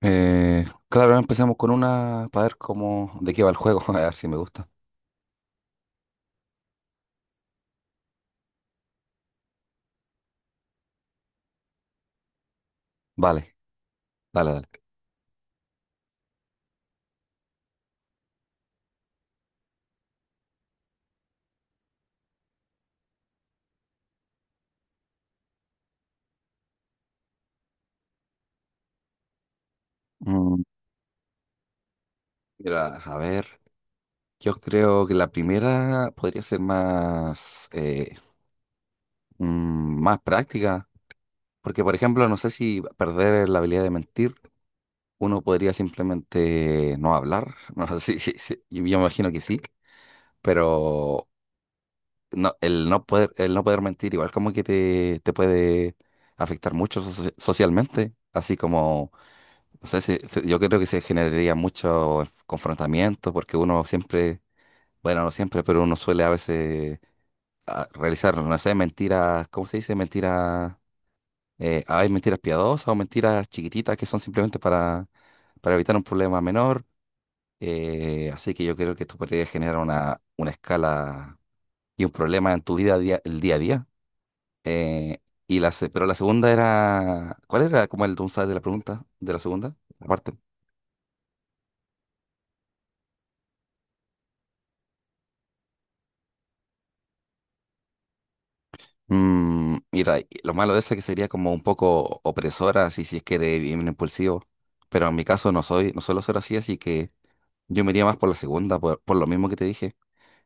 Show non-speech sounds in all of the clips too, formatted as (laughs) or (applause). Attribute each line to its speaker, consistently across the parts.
Speaker 1: Claro, empecemos con una para ver de qué va el juego, (laughs) a ver si me gusta. Vale, dale. Mm, Mira, a ver, yo creo que la primera podría ser más, más práctica, porque por ejemplo, no sé si perder la habilidad de mentir, uno podría simplemente no hablar, (laughs) no sé yo me imagino que sí, pero no, el no poder mentir igual como que te puede afectar mucho socialmente, así como. O sea, yo creo que se generaría mucho confrontamiento porque uno siempre, bueno, no siempre, pero uno suele a veces realizar, no sé, mentiras, ¿cómo se dice? Mentiras, hay mentiras piadosas o mentiras chiquititas que son simplemente para evitar un problema menor. Así que yo creo que esto podría generar una escala y un problema en tu vida, el día a día. Eh, pero la segunda era, ¿cuál era como el downside de la pregunta de la segunda? Aparte. Mm, mira, y lo malo de eso es que sería como un poco opresora, así si es que eres bien impulsivo. Pero en mi caso no soy, no suelo ser así, así que yo me iría más por la segunda, por lo mismo que te dije.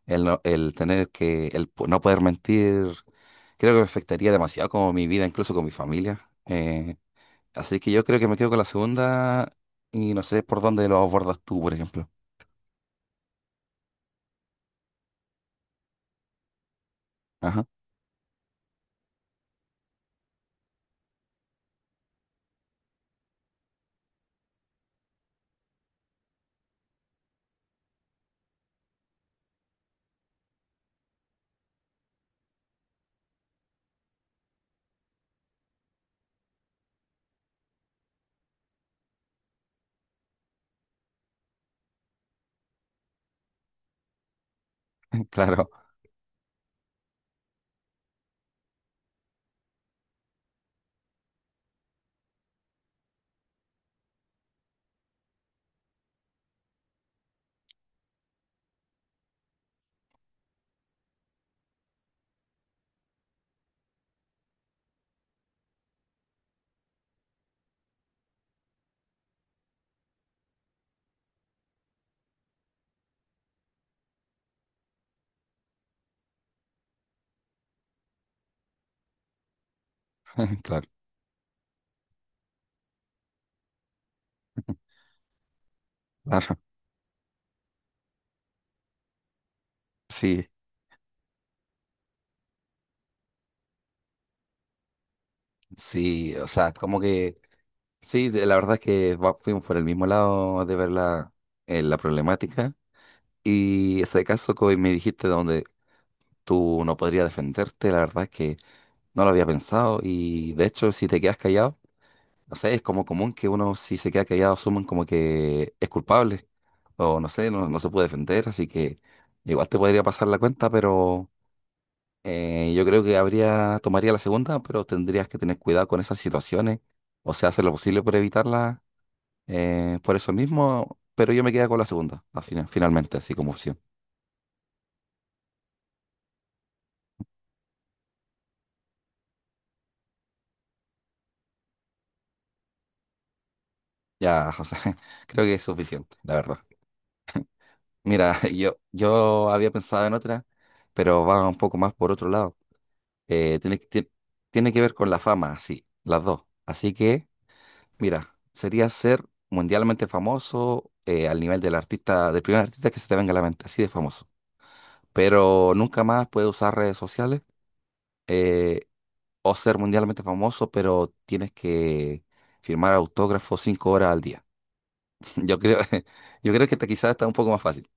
Speaker 1: El, no- El tener que no poder mentir, creo que me afectaría demasiado como mi vida, incluso con mi familia. Así que yo creo que me quedo con la segunda y no sé por dónde lo abordas tú, por ejemplo. Ajá, (laughs) claro, (laughs) claro, claro. Sí, sí, o sea, como que sí. La verdad es que fuimos por el mismo lado de ver la problemática y ese caso que hoy me dijiste donde tú no podrías defenderte, la verdad es que no lo había pensado y de hecho si te quedas callado, no sé, es como común que uno si se queda callado asumen como que es culpable o no sé, no se puede defender, así que igual te podría pasar la cuenta, pero yo creo que habría, tomaría la segunda, pero tendrías que tener cuidado con esas situaciones, o sea, hacer lo posible por evitarlas por eso mismo, pero yo me quedé con la segunda, al final, finalmente, así como opción. Ya, José, (laughs) creo que es suficiente, la verdad. Mira, (laughs) yo había pensado en otra, pero va un poco más por otro lado. Eh, tiene, que- tie- tiene que ver con la fama, así, las dos. Así que, mira, sería ser mundialmente famoso al nivel del artista, del primer artista que se te venga a la mente, así de famoso. Pero nunca más puede usar redes sociales. eh, o ser mundialmente famoso, pero tienes que firmar autógrafos 5 horas al día. (laughs) Yo creo, (laughs) yo creo que esta quizás está un poco más fácil.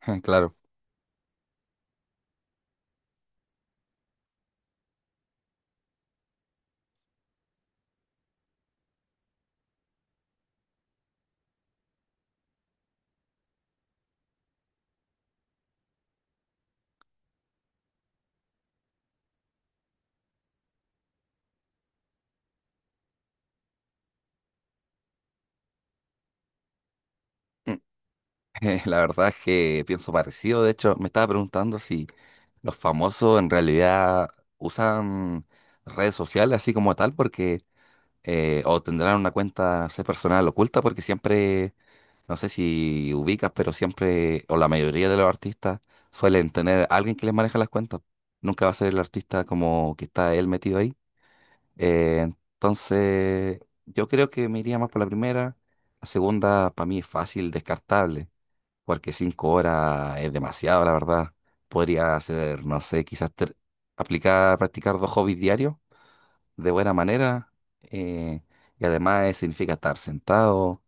Speaker 1: (laughs) Claro. Mm. La verdad es que pienso parecido. De hecho, me estaba preguntando si los famosos en realidad usan redes sociales así como tal, porque o tendrán una cuenta, no sé, personal oculta, porque siempre. No sé si ubicas, pero siempre, o la mayoría de los artistas suelen tener alguien que les maneja las cuentas. Nunca va a ser el artista como que está él metido ahí. Eh, entonces, yo creo que me iría más por la primera. La segunda, para mí, es fácil, descartable, porque 5 horas es demasiado, la verdad. Podría hacer, no sé, quizás aplicar, practicar dos hobbies diarios de buena manera. eh, y además significa estar sentado,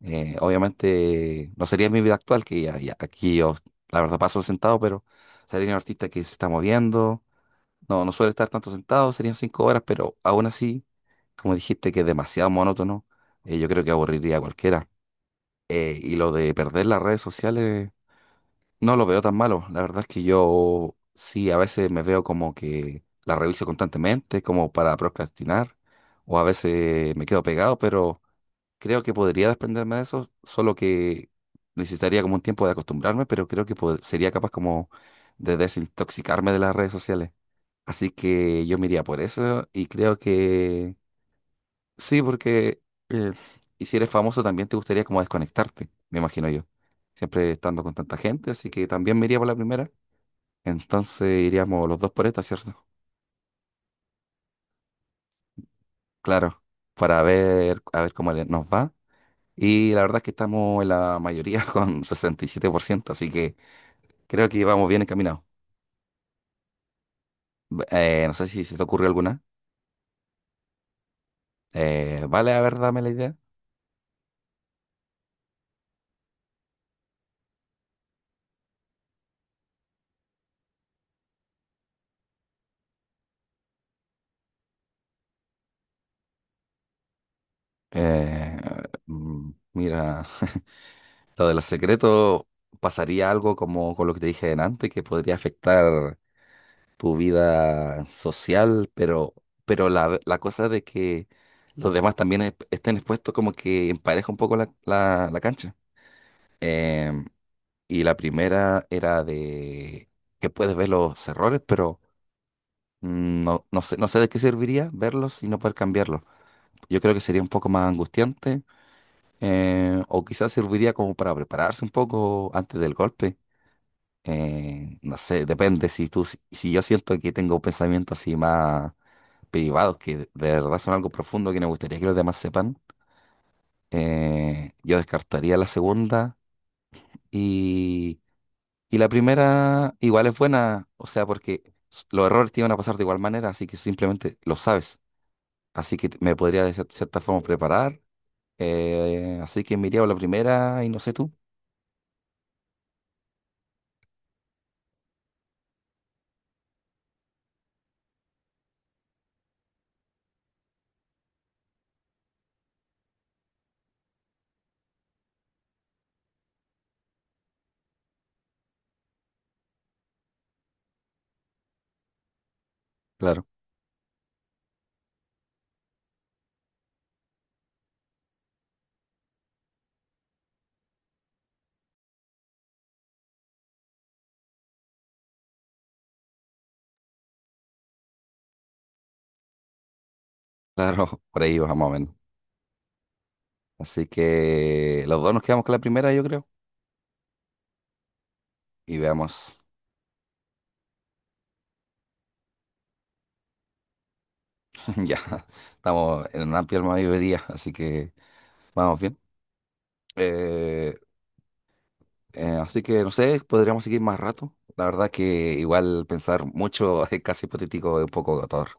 Speaker 1: obviamente no sería mi vida actual, que ya aquí yo la verdad paso sentado, pero sería un artista que se está moviendo. No suele estar tanto sentado, serían 5 horas, pero aún así, como dijiste, que es demasiado monótono, yo creo que aburriría a cualquiera. Y lo de perder las redes sociales, no lo veo tan malo. La verdad es que yo sí, a veces me veo como que la reviso constantemente, como para procrastinar, o a veces me quedo pegado, pero creo que podría desprenderme de eso, solo que necesitaría como un tiempo de acostumbrarme, pero creo que sería capaz como de desintoxicarme de las redes sociales. Así que yo me iría por eso y creo que sí, porque eh, y si eres famoso también te gustaría como desconectarte, me imagino yo. Siempre estando con tanta gente, así que también me iría por la primera. Entonces iríamos los dos por esta, ¿cierto? (laughs) Claro, a ver cómo nos va. Y la verdad es que estamos en la mayoría (laughs) con 67%, así que creo que vamos bien encaminados. No sé si se te ocurre alguna. Vale, a ver, dame la idea. Eh, mm, mira, (laughs) lo de los secretos, ¿pasaría algo como con lo que te dije en antes, que podría afectar tu vida social? Pero la cosa de que los demás también estén expuestos como que empareja un poco la cancha. Em, y la primera era de que puedes ver los errores, pero mm, no, no sé, no sé de qué serviría verlos y no poder cambiarlos. Yo creo que sería un poco más angustiante, o quizás serviría como para prepararse un poco antes del golpe. No sé, depende. Si tú, si yo siento que tengo pensamientos así más privados, que de verdad son algo profundo que me gustaría que los demás sepan, yo descartaría la segunda y, y la primera igual es buena, o sea, porque los errores te iban a pasar de igual manera, así que simplemente lo sabes. Así que me podría de cierta forma preparar. Así que me iría por la primera y no sé tú. Claro, claro, (laughs) por ahí vamos más o menos. Así que los dos nos quedamos con la primera, yo creo. Y veamos. (laughs) Ya, estamos en una amplia mayoría, así que vamos bien. Eh, Así que no sé, podríamos seguir más rato. La verdad que igual pensar mucho (laughs) es casi hipotético, es un poco agotador.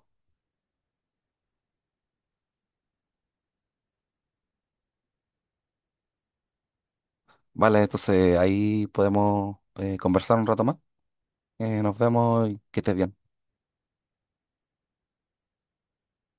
Speaker 1: Vale, entonces ahí podemos conversar un rato más. Nos vemos y que estés bien.